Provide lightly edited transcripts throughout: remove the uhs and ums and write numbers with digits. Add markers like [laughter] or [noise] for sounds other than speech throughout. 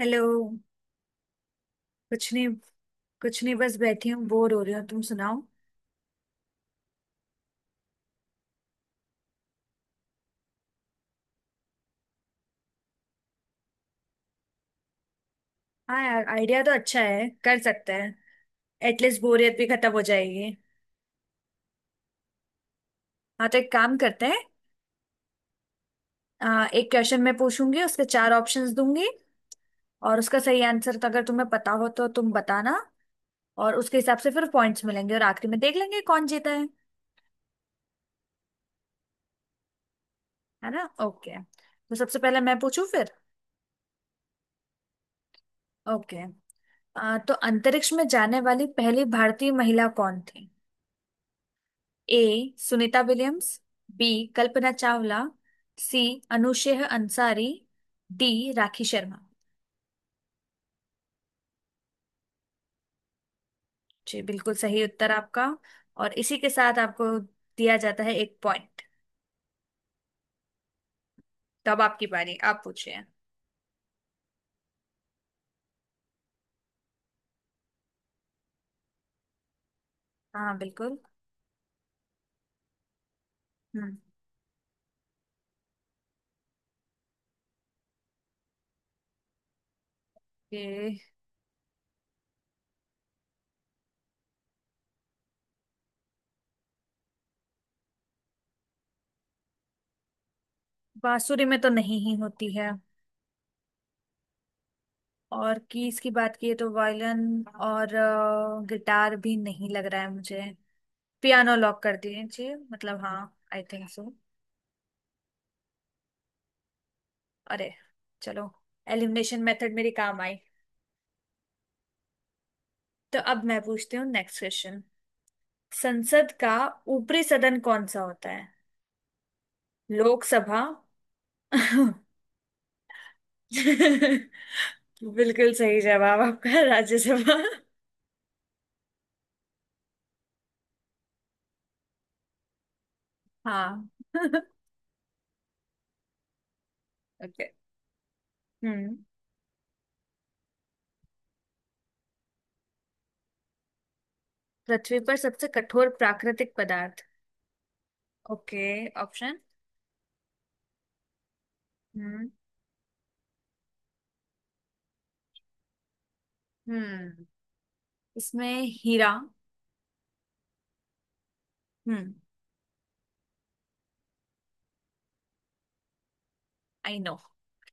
Hello. कुछ नहीं। कुछ नहीं, बस बैठी हूँ, बोर हो रही हूँ। तुम सुनाओ। हाँ यार, आइडिया तो अच्छा है, कर सकते हैं। एटलीस्ट बोरियत भी खत्म हो जाएगी। हाँ, तो एक काम करते हैं। एक क्वेश्चन मैं पूछूंगी, उसके चार ऑप्शंस दूंगी, और उसका सही आंसर तो अगर तुम्हें पता हो तो तुम बताना। और उसके हिसाब से फिर पॉइंट्स मिलेंगे और आखिरी में देख लेंगे कौन जीता है। है ना। ओके, तो सबसे पहले मैं पूछूं फिर। ओके। तो अंतरिक्ष में जाने वाली पहली भारतीय महिला कौन थी। A, Sunita Williams. B, Kalpana Chawla. C, Anousheh Ansari. D, Rakhi Sharma. जी, बिल्कुल सही उत्तर आपका। और इसी के साथ आपको दिया जाता है एक पॉइंट। तो अब आपकी बारी, आप पूछिए। हाँ बिल्कुल। हम्म। ये बांसुरी में तो नहीं ही होती है। और कीज की बात की तो वायलिन और गिटार भी नहीं लग रहा है मुझे। पियानो लॉक कर दिए जी, मतलब हाँ। I think so. अरे चलो, एलिमिनेशन मेथड मेरी काम आई। तो अब मैं पूछती हूँ नेक्स्ट क्वेश्चन। संसद का ऊपरी सदन कौन सा होता है। लोकसभा। [laughs] बिल्कुल सही जवाब आपका, राज्यसभा। हाँ। [laughs] ओके। हम्म पृथ्वी पर सबसे कठोर प्राकृतिक पदार्थ। Okay, option. हम्म। हम्म। इसमें हीरा। हम्म। I no.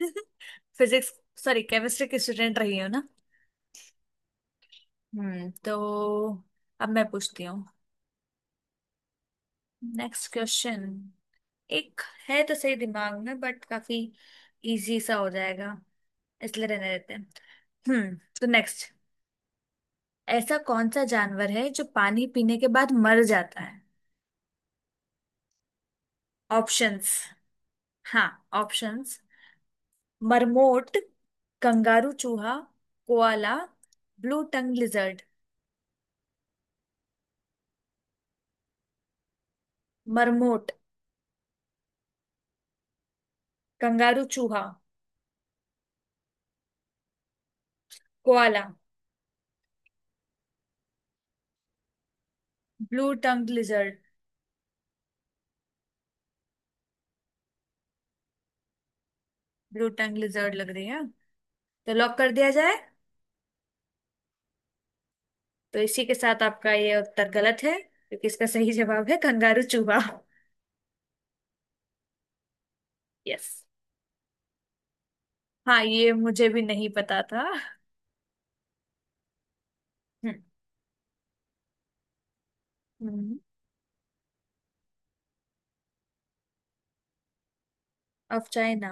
[laughs] Physics, sorry chemistry की स्टूडेंट [laughs] रही हो ना। हम्म तो अब मैं पूछती हूँ नेक्स्ट क्वेश्चन। एक है तो सही दिमाग में, बट काफी इजी सा हो जाएगा, इसलिए रहने देते हैं। नेक्स्ट। ऐसा कौन सा जानवर है जो पानी पीने के बाद मर जाता है। ऑप्शंस। हाँ। ऑप्शंस। मरमोट, कंगारू चूहा, koala, blue tongue lizard. Marmot. Kangaroo चूहा। Koala. Blue tongue lizard. Blue tongue lizard लग रही है, तो लॉक कर दिया जाए। तो इसी के साथ आपका ये उत्तर गलत है, क्योंकि इसका सही जवाब है कंगारू चूहा। यस। हाँ, ये मुझे भी नहीं पता था। हम्म। अब चाइना।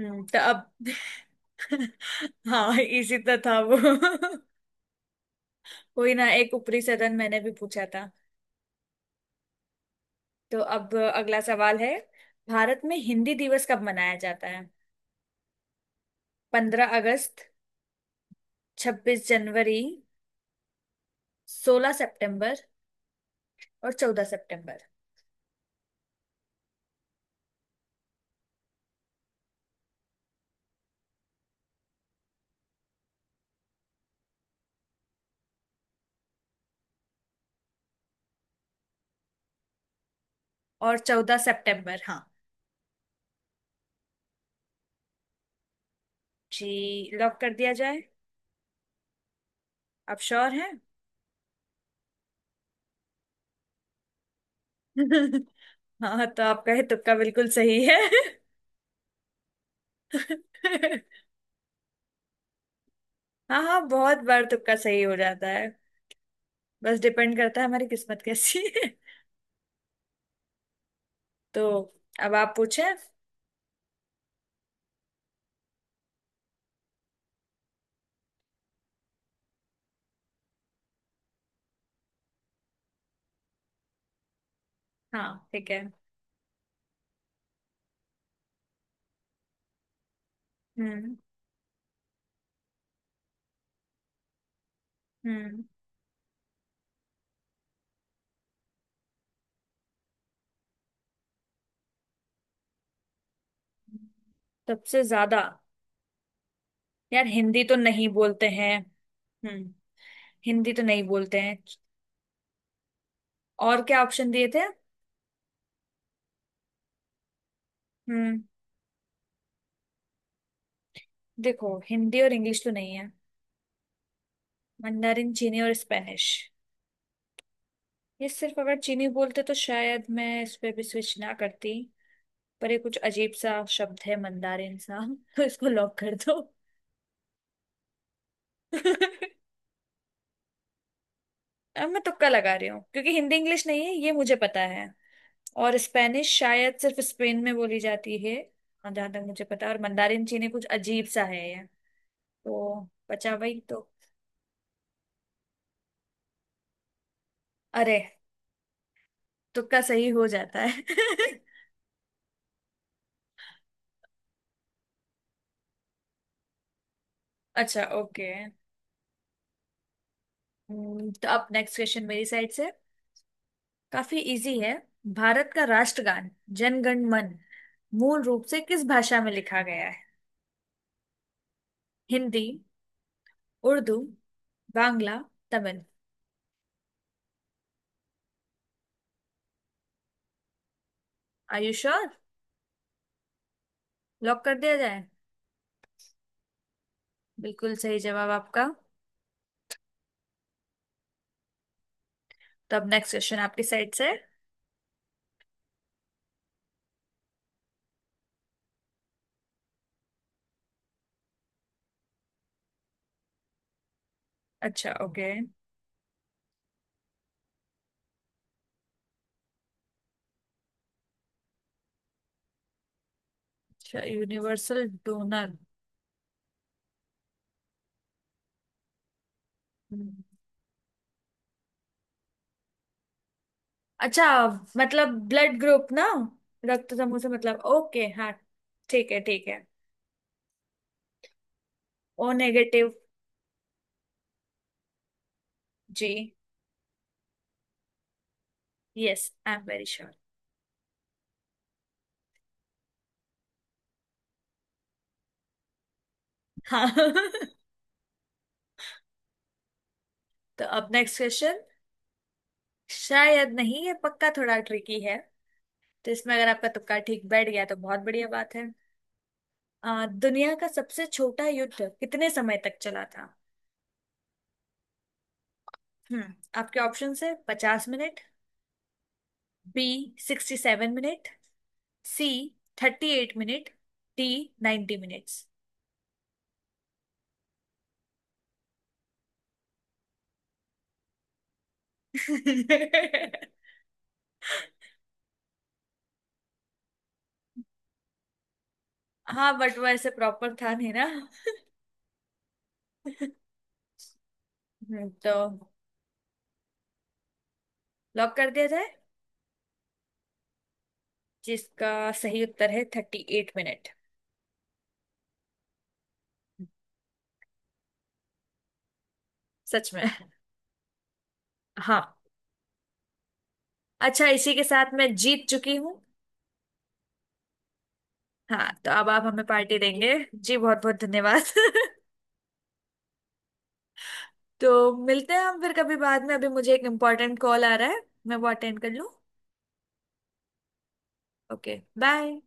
तो अब [laughs] हाँ इसी तो था वो। कोई ना, एक ऊपरी सदन मैंने भी पूछा था। तो अब अगला सवाल है, भारत में हिंदी दिवस कब मनाया जाता है। 15 अगस्त, 26 जनवरी, 16 सितंबर और 14 सितंबर। और चौदह सितंबर हाँ जी। लॉक कर दिया जाए। आप श्योर हैं। [laughs] हाँ, तो आपका ये तुक्का बिल्कुल सही है। [laughs] हाँ हाँ, बहुत बार तुक्का सही हो जाता है। बस डिपेंड करता है हमारी किस्मत कैसी है। [laughs] तो अब आप पूछे। हाँ ठीक है। हम्म। हम्म। सबसे ज्यादा। यार हिंदी तो नहीं बोलते हैं। हम्म। हिंदी तो नहीं बोलते हैं। और क्या ऑप्शन दिए थे। हम्म। देखो हिंदी और इंग्लिश तो नहीं है। मंdarin चीनी और स्पेनिश। ये सिर्फ अगर चीनी बोलते तो शायद मैं इस पे भी स्विच ना करती। पर ये कुछ अजीब सा शब्द है मंदारिन सा, [laughs] तो इसको लॉक कर दो। [laughs] अब मैं तुक्का लगा रही हूँ क्योंकि हिंदी इंग्लिश नहीं है ये मुझे पता है। और स्पेनिश शायद सिर्फ स्पेन में बोली जाती है और जहां तक मुझे पता है। और मंदारिन चीनी कुछ अजीब सा है ये। तो बचा वही तो। अरे, तुक्का सही हो जाता है। [laughs] अच्छा ओके। अब नेक्स्ट क्वेश्चन मेरी साइड से, काफी इजी है। भारत का राष्ट्रगान जन गण मन मूल रूप से किस भाषा में लिखा गया है। Hindi, Urdu, Bangla, Tamil. Are you sure. Lock कर दिया जाए। बिल्कुल सही जवाब आपका। तो अब नेक्स्ट क्वेश्चन आपकी साइड से। अच्छा ओके। अच्छा, यूनिवर्सल डोनर। अच्छा, मतलब ब्लड ग्रुप ना। रक्त समूह से मतलब, ओके हाँ। ठीक है ठीक है। O negative. जी। Yes, I am very sure. हाँ। [laughs] तो अब नेक्स्ट क्वेश्चन। शायद नहीं, ये पक्का थोड़ा ट्रिकी है। तो इसमें अगर आपका तुक्का ठीक बैठ गया तो बहुत बढ़िया बात है। दुनिया का सबसे छोटा युद्ध कितने समय तक चला था। हम्म। आपके ऑप्शन है 50 मिनट। B, 67 minute. सी, 38 मिनट। D, 90 minutes. [laughs] हाँ बट वो ऐसे प्रॉपर था नहीं ना। [laughs] हम्म, तो लॉक कर दिया जाए। जिसका सही उत्तर है 38 मिनट। सच में। हाँ। अच्छा, इसी के साथ मैं जीत चुकी हूँ। हाँ, तो अब आप हमें पार्टी देंगे जी, बहुत बहुत धन्यवाद। [laughs] तो मिलते हैं हम फिर कभी बाद में, अभी मुझे एक इम्पोर्टेंट कॉल आ रहा है। मैं वो अटेंड कर लूँ। Okay bye.